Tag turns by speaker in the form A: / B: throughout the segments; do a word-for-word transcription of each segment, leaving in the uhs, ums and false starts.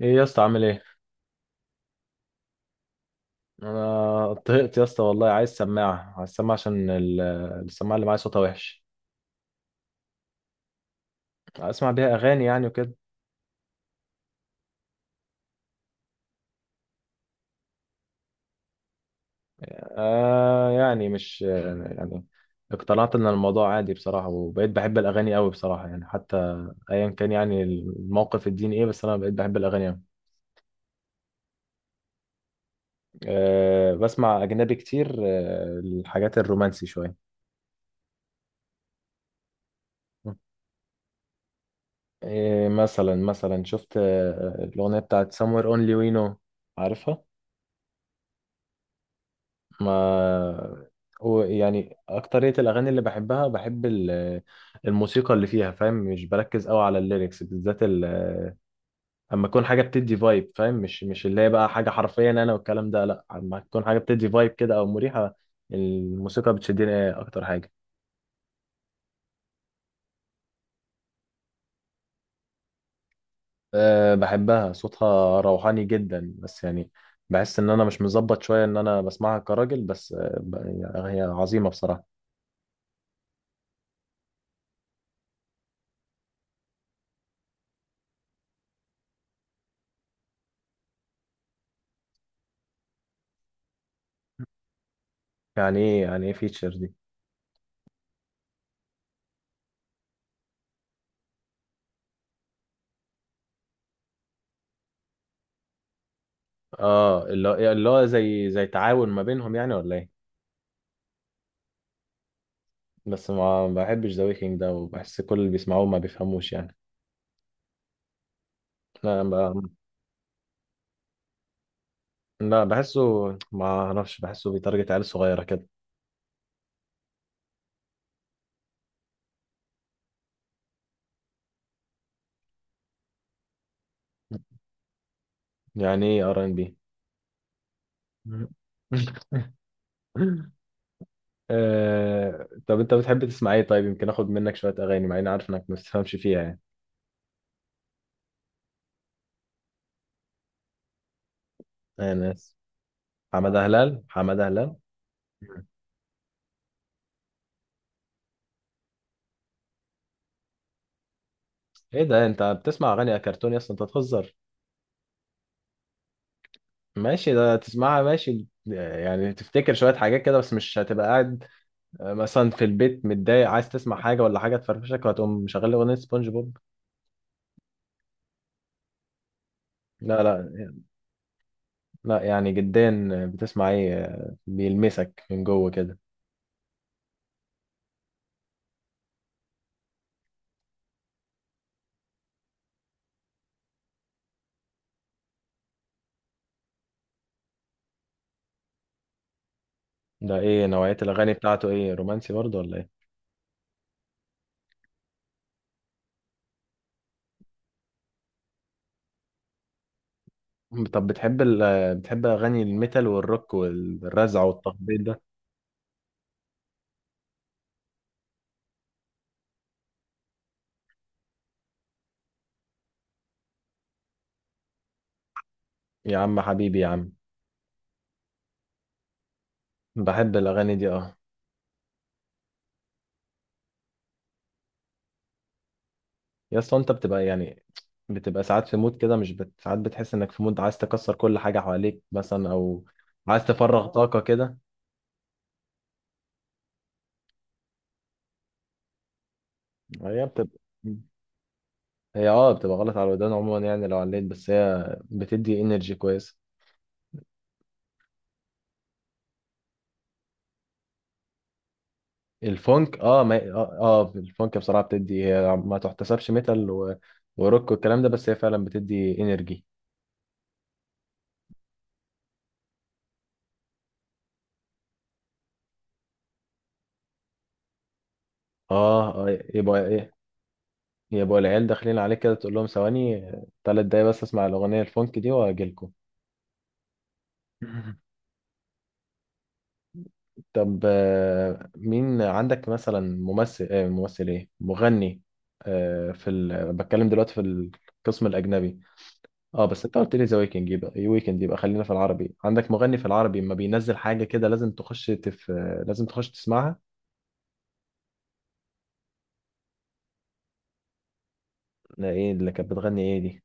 A: ايه يا اسطى؟ عامل ايه؟ انا طهقت يا اسطى، والله عايز سماعه، عايز سماعه، عشان ال- السماعه اللي معايا صوتها وحش. اسمع بيها اغاني يعني وكده. آه، يعني مش يعني اقتنعت ان الموضوع عادي بصراحه، وبقيت بحب الاغاني قوي بصراحه، يعني حتى ايا كان يعني الموقف الديني ايه، بس انا بقيت بحب الاغاني قوي. آه، بسمع اجنبي كتير، آه الحاجات الرومانسي شويه. إيه؟ مثلا مثلا شفت آه، الاغنيه بتاعت Somewhere Only We Know؟ عارفها؟ ما هو يعني أكترية الأغاني اللي بحبها بحب ال- الموسيقى اللي فيها، فاهم؟ مش بركز قوي على الليركس بالذات، ال- أما تكون حاجة بتدي فايب، فاهم؟ مش مش اللي هي بقى حاجة حرفيا أنا والكلام ده، لأ، أما تكون حاجة بتدي فايب كده، أو مريحة. الموسيقى بتشدني أكتر حاجة. أه، بحبها، صوتها روحاني جدا، بس يعني بحس إن أنا مش مظبط شوية إن أنا بسمعها كراجل، بس أه، ب- يعني هي عظيمة بصراحة. يعني إيه؟ يعني إيه فيتشر دي؟ اه، اللي هو اللي هو زي زي تعاون ما بينهم يعني، ولا ايه؟ بس ما ما بحبش ذا ويكينج ده، وبحس كل اللي بيسمعوه ما بيفهموش يعني. لا، ب... لا بحسه، ما اعرفش، بحسه بيتارجت عيال صغيرة كده. يعني ايه ار ان بي؟ آه... طب انت بتحب تسمع ايه طيب؟ يمكن اخد منك شوية اغاني، مع اني عارف انك ما بتفهمش فيها يعني. انا ناس حمادة هلال، حمادة هلال. ايه ده؟ انت بتسمع اغاني كرتوني؟ اصلا انت تهزر. ماشي، ده تسمعها ماشي يعني تفتكر شوية حاجات كده، بس مش هتبقى قاعد آه، مثلا في البيت متضايق عايز تسمع حاجة، ولا حاجة تفرفشك وهتقوم مشغل لي أغنية سبونج بوب. لا، لا، لا يعني جدا، بتسمع إيه آه، بيلمسك من جوه كده؟ ده إيه نوعية الأغاني بتاعته؟ إيه، رومانسي برضه ولا إيه؟ طب بتحب ال... آه، بتحب أغاني الميتال والروك والرزع والتخبيط ده؟ يا عم حبيبي، يا عم. بحب الأغاني دي، أه. يا اسطى، انت بتبقى يعني بتبقى ساعات في مود كده، مش بت... ساعات بتحس انك في مود عايز تكسر كل حاجه حواليك مثلا، او عايز تفرغ طاقه كده. هي بتبقى هي اه بتبقى غلط على الودان عموما يعني، لو عليت، بس هي بتدي انرجي كويس. الفونك، اه ما اه, آه الفونك بصراحه بتدي، هي ما تحتسبش ميتال و... وروك والكلام ده، بس هي فعلا بتدي انرجي. اه، اه، يبقى ايه، يبقى العيال داخلين عليك كده، تقول لهم ثواني، ثلاث دقايق بس اسمع الاغنيه الفونك دي واجيلكم. طب آه، مين عندك مثلا ممثل، آه، ممثل ايه، مغني، آه، في ال... بتكلم دلوقتي في القسم الاجنبي. اه، بس انت قلت لي ذا ويكند، يبقى ايه ويكند؟ يبقى خلينا في العربي. عندك مغني في العربي ما بينزل حاجه كده لازم تخش تف... آه، لازم تخش تسمعها؟ ده ايه اللي كانت بتغني؟ ايه دي؟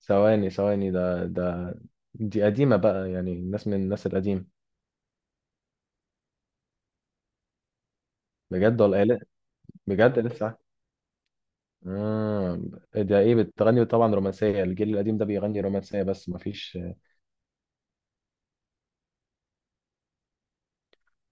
A: ثواني، ثواني، ده ده دي قديمه بقى، يعني الناس من الناس القديمه. بجد ولا ايه؟ لا، بجد لسه؟ آه. ده ايه بتغني؟ طبعا رومانسيه، الجيل القديم ده بيغني رومانسيه بس ما فيش.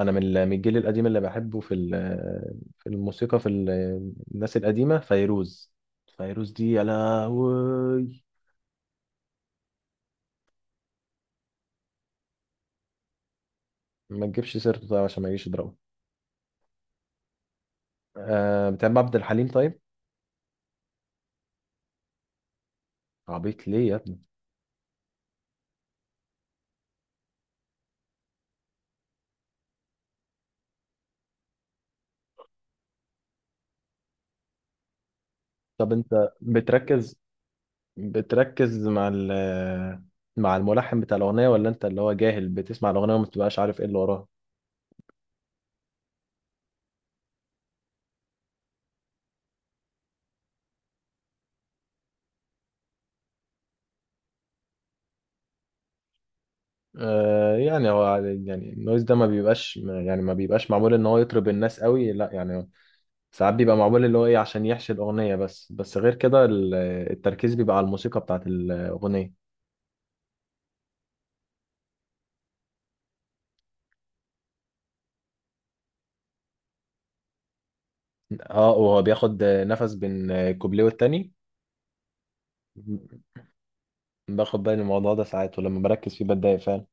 A: انا من ال- من الجيل القديم اللي بحبه، في ال- في الموسيقى، في ال- الناس القديمه فيروز. فيروز دي، يا لهوي. ما تجيبش سيرته طيب، عشان ما يجيش يضربه. أه، بتحب عبد الحليم طيب؟ عبيط ليه يا ابني؟ طب انت بتركز بتركز مع ال مع الملحن بتاع الاغنيه، ولا انت اللي هو جاهل بتسمع الاغنيه وما بتبقاش عارف ايه اللي وراها؟ آه، يعني هو، يعني النويز ده ما بيبقاش يعني ما بيبقاش معمول ان هو يطرب الناس قوي، لا يعني، ساعات بيبقى معمول اللي هو ايه عشان يحشي الأغنية، بس بس غير كده ال- التركيز بيبقى على الموسيقى بتاعت الأغنية. اه، وهو بياخد نفس بين كوبليه والتاني، باخد بالي من الموضوع ده ساعات، ولما بركز فيه بتضايق فعلا.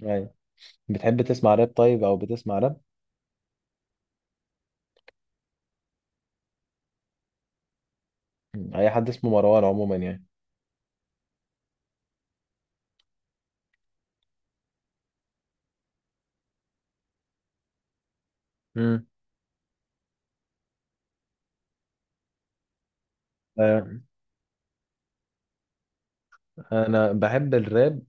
A: يعني بتحب تسمع راب طيب؟ أو بتسمع راب؟ أي حد اسمه مروان عموما يعني. مم. آه، أنا بحب الراب.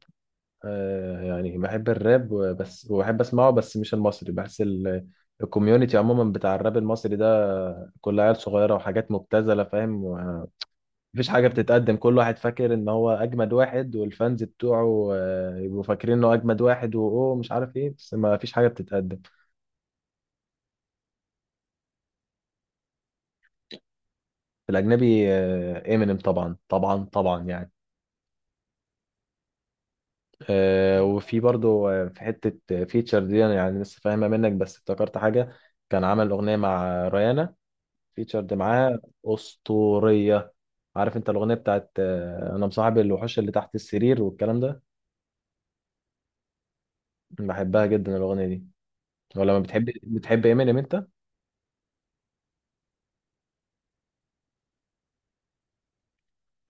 A: آه، يعني بحب الراب و- بس وبحب أسمعه، بس مش المصري، بحس ال- الكوميونتي عموما بتاع الراب المصري ده كلها عيال صغيرة وحاجات مبتذلة، فاهم؟ مفيش حاجة بتتقدم، كل واحد فاكر ان هو اجمد واحد، والفانز بتوعه آه، يبقوا فاكرين انه اجمد واحد، واوه مش عارف ايه، بس ما فيش حاجة بتتقدم. في الاجنبي، امينيم طبعا طبعا طبعا يعني. آه، وفي برضو آه، في حتة فيتشر دي انا يعني لسه فاهمها منك، بس افتكرت حاجة. كان عمل اغنية مع ريانا، فيتشرد معاها. اسطورية. عارف انت الاغنية بتاعت آه، انا مصاحب الوحوش اللي تحت السرير والكلام ده؟ بحبها جدا الاغنية دي. ولا ما بتحب؟ بتحب امينيم انت؟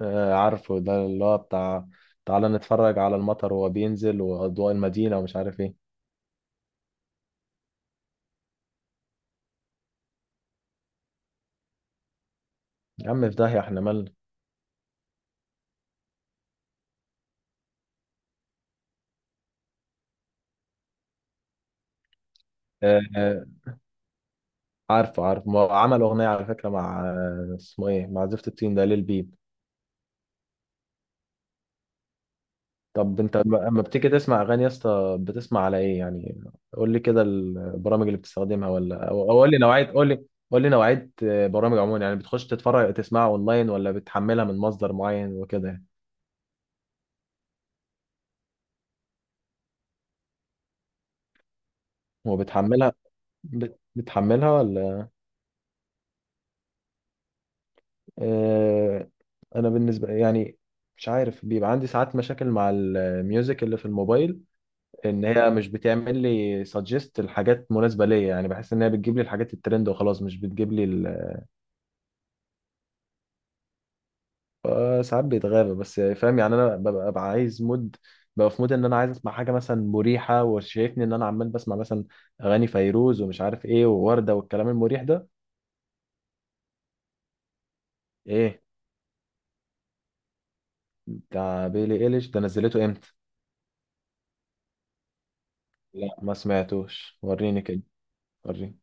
A: آه، عارفه، ده اللي هو بتاع تعالى نتفرج على المطر وهو بينزل وأضواء المدينة، ومش عارف ايه. يا عم في داهية، احنا مالنا. آه، آه، عارفه، عارفه، ما هو عمل أغنية على فكرة مع آه، اسمه ايه، مع زفت الطين ده، ليل بيب. طب انت لما لما بتيجي تسمع أغاني يا اسطى، بتسمع على ايه يعني؟ قول لي كده البرامج اللي بتستخدمها، ولا أو أو قول لي نوعية، قول لي قول لي نوعية آه، برامج عموما يعني، بتخش تتفرج تسمعها اونلاين ولا بتحملها من مصدر معين وكده يعني؟ وبتحملها بت- بتحملها ولا؟ آه، انا بالنسبه يعني مش عارف، بيبقى عندي ساعات مشاكل مع الميوزك اللي في الموبايل ان هي مش بتعمل لي سجست الحاجات مناسبه ليا، يعني بحس ان هي بتجيب لي الحاجات الترند وخلاص، مش بتجيب لي ال... آه، ساعات بيتغابى، بس فاهم يعني، انا ببقى ببقى عايز مود، ببقى في مود ان انا عايز اسمع حاجه مثلا مريحه، وشايفني ان انا عمال بسمع مثلا اغاني فيروز ومش عارف ايه ووردة والكلام المريح ده. ايه؟ بتاع بيلي ايليش ده نزلته امتى؟ لا ما سمعتوش، وريني كده، وريني.